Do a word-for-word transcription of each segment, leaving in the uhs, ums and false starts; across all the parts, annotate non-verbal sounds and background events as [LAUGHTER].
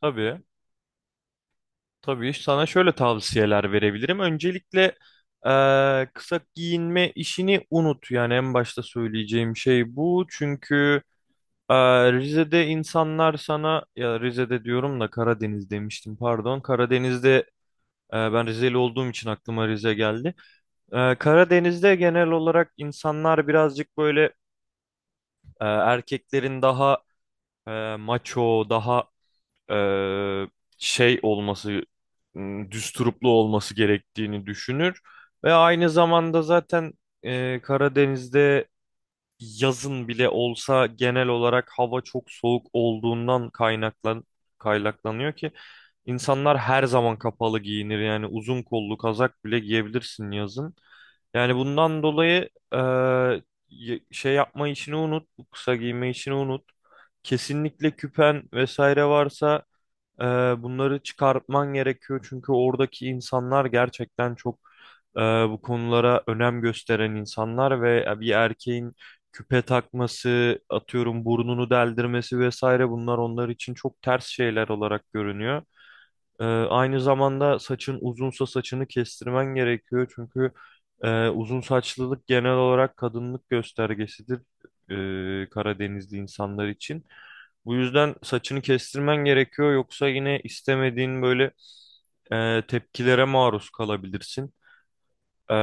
Tabii, tabii. Sana şöyle tavsiyeler verebilirim. Öncelikle eee, kısa giyinme işini unut. Yani en başta söyleyeceğim şey bu. Çünkü eee, Rize'de insanlar sana, ya Rize'de diyorum da Karadeniz demiştim pardon. Karadeniz'de eee, ben Rizeli olduğum için aklıma Rize geldi. Eee, Karadeniz'de genel olarak insanlar birazcık böyle eee, erkeklerin daha eee, maço, daha eee, şey olması, m, düsturuplu olması gerektiğini düşünür. Ve aynı zamanda zaten eee, Karadeniz'de yazın bile olsa genel olarak hava çok soğuk olduğundan kaynaklan kaynaklanıyor ki insanlar her zaman kapalı giyinir. Yani uzun kollu kazak bile giyebilirsin yazın. Yani bundan dolayı eee, y- şey yapma işini unut, bu kısa giyme işini unut. Kesinlikle küpen vesaire varsa ee, bunları çıkartman gerekiyor çünkü oradaki insanlar gerçekten çok e, bu konulara önem gösteren insanlar ve bir erkeğin küpe takması, atıyorum burnunu deldirmesi vesaire bunlar onlar için çok ters şeyler olarak görünüyor. Ee, aynı zamanda saçın uzunsa saçını kestirmen gerekiyor. Çünkü e, uzun saçlılık genel olarak kadınlık göstergesidir e, Karadenizli insanlar için. Bu yüzden saçını kestirmen gerekiyor. Yoksa yine istemediğin böyle e, tepkilere maruz kalabilirsin. Ee,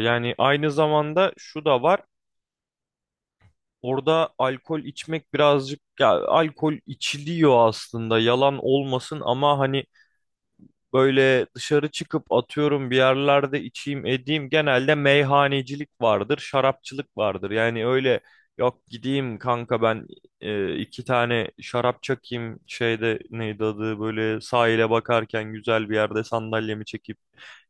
Yani aynı zamanda şu da var. Orada alkol içmek birazcık ya, alkol içiliyor aslında yalan olmasın ama hani böyle dışarı çıkıp atıyorum bir yerlerde içeyim edeyim. Genelde meyhanecilik vardır, şarapçılık vardır. Yani öyle yok gideyim kanka ben e, iki tane şarap çakayım şeyde neydi adı böyle sahile bakarken güzel bir yerde sandalyemi çekip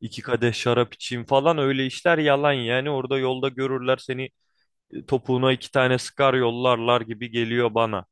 iki kadeh şarap içeyim falan öyle işler yalan yani orada yolda görürler seni e, topuğuna iki tane sıkar yollarlar gibi geliyor bana.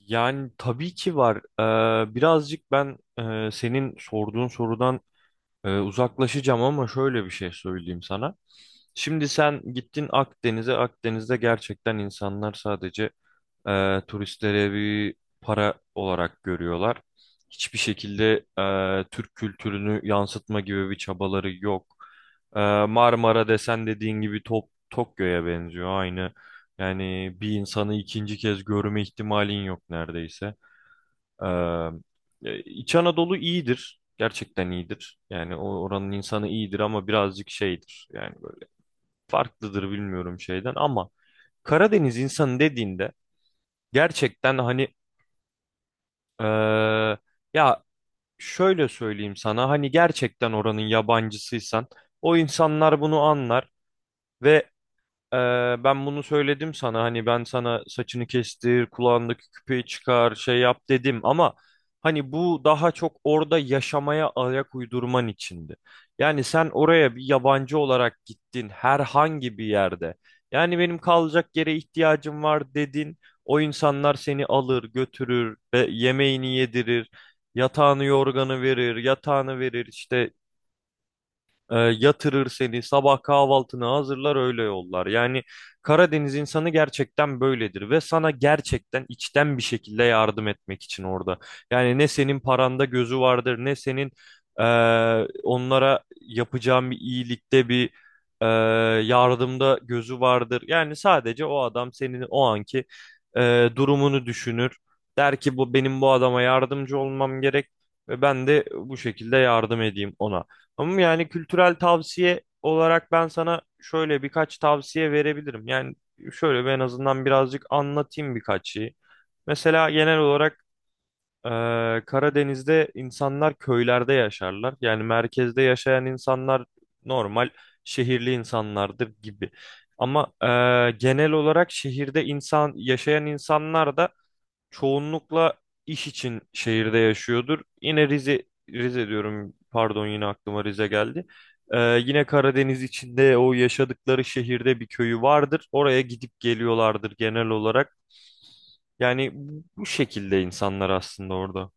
Yani tabii ki var. Ee, birazcık ben e, senin sorduğun sorudan Ee, uzaklaşacağım ama şöyle bir şey söyleyeyim sana. Şimdi sen gittin Akdeniz'e. Akdeniz'de gerçekten insanlar sadece e, turistlere bir para olarak görüyorlar. Hiçbir şekilde e, Türk kültürünü yansıtma gibi bir çabaları yok. E, Marmara desen dediğin gibi Top, Tokyo'ya benziyor aynı. Yani bir insanı ikinci kez görme ihtimalin yok neredeyse. Ee, İç Anadolu iyidir. Gerçekten iyidir. Yani o oranın insanı iyidir ama birazcık şeydir. Yani böyle farklıdır bilmiyorum şeyden ama Karadeniz insanı dediğinde gerçekten hani eee, ya şöyle söyleyeyim sana hani gerçekten oranın yabancısıysan o insanlar bunu anlar ve Ee, ben bunu söyledim sana hani ben sana saçını kestir, kulağındaki küpeyi çıkar, şey yap dedim ama hani bu daha çok orada yaşamaya ayak uydurman içindi. Yani sen oraya bir yabancı olarak gittin herhangi bir yerde. Yani benim kalacak yere ihtiyacım var dedin. O insanlar seni alır, götürür ve yemeğini yedirir, yatağını yorganı verir, yatağını verir işte e, yatırır seni, sabah kahvaltını hazırlar öyle yollar. Yani Karadeniz insanı gerçekten böyledir ve sana gerçekten içten bir şekilde yardım etmek için orada. Yani ne senin paranda gözü vardır, ne senin e, onlara yapacağın bir iyilikte bir e, yardımda gözü vardır. Yani sadece o adam senin o anki e, durumunu düşünür. Der ki bu benim bu adama yardımcı olmam gerek ve ben de bu şekilde yardım edeyim ona. Ama yani kültürel tavsiye olarak ben sana şöyle birkaç tavsiye verebilirim. Yani şöyle ben en azından birazcık anlatayım birkaç şeyi. Mesela genel olarak eee, Karadeniz'de insanlar köylerde yaşarlar. Yani merkezde yaşayan insanlar normal şehirli insanlardır gibi. Ama eee, genel olarak şehirde insan yaşayan insanlar da çoğunlukla iş için şehirde yaşıyordur. Yine Rize, Rize diyorum pardon yine aklıma Rize geldi. Ee, yine Karadeniz içinde o yaşadıkları şehirde bir köyü vardır. Oraya gidip geliyorlardır genel olarak. Yani bu bu şekilde insanlar aslında orada.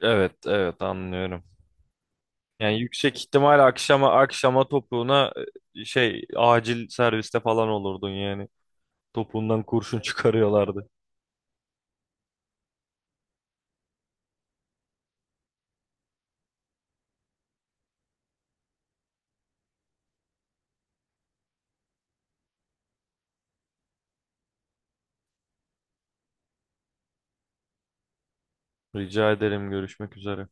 Evet, evet anlıyorum. Yani yüksek ihtimal akşama akşama topuğuna e, şey acil serviste falan olurdun yani. Topuğundan kurşun [LAUGHS] çıkarıyorlardı. Rica ederim, görüşmek üzere.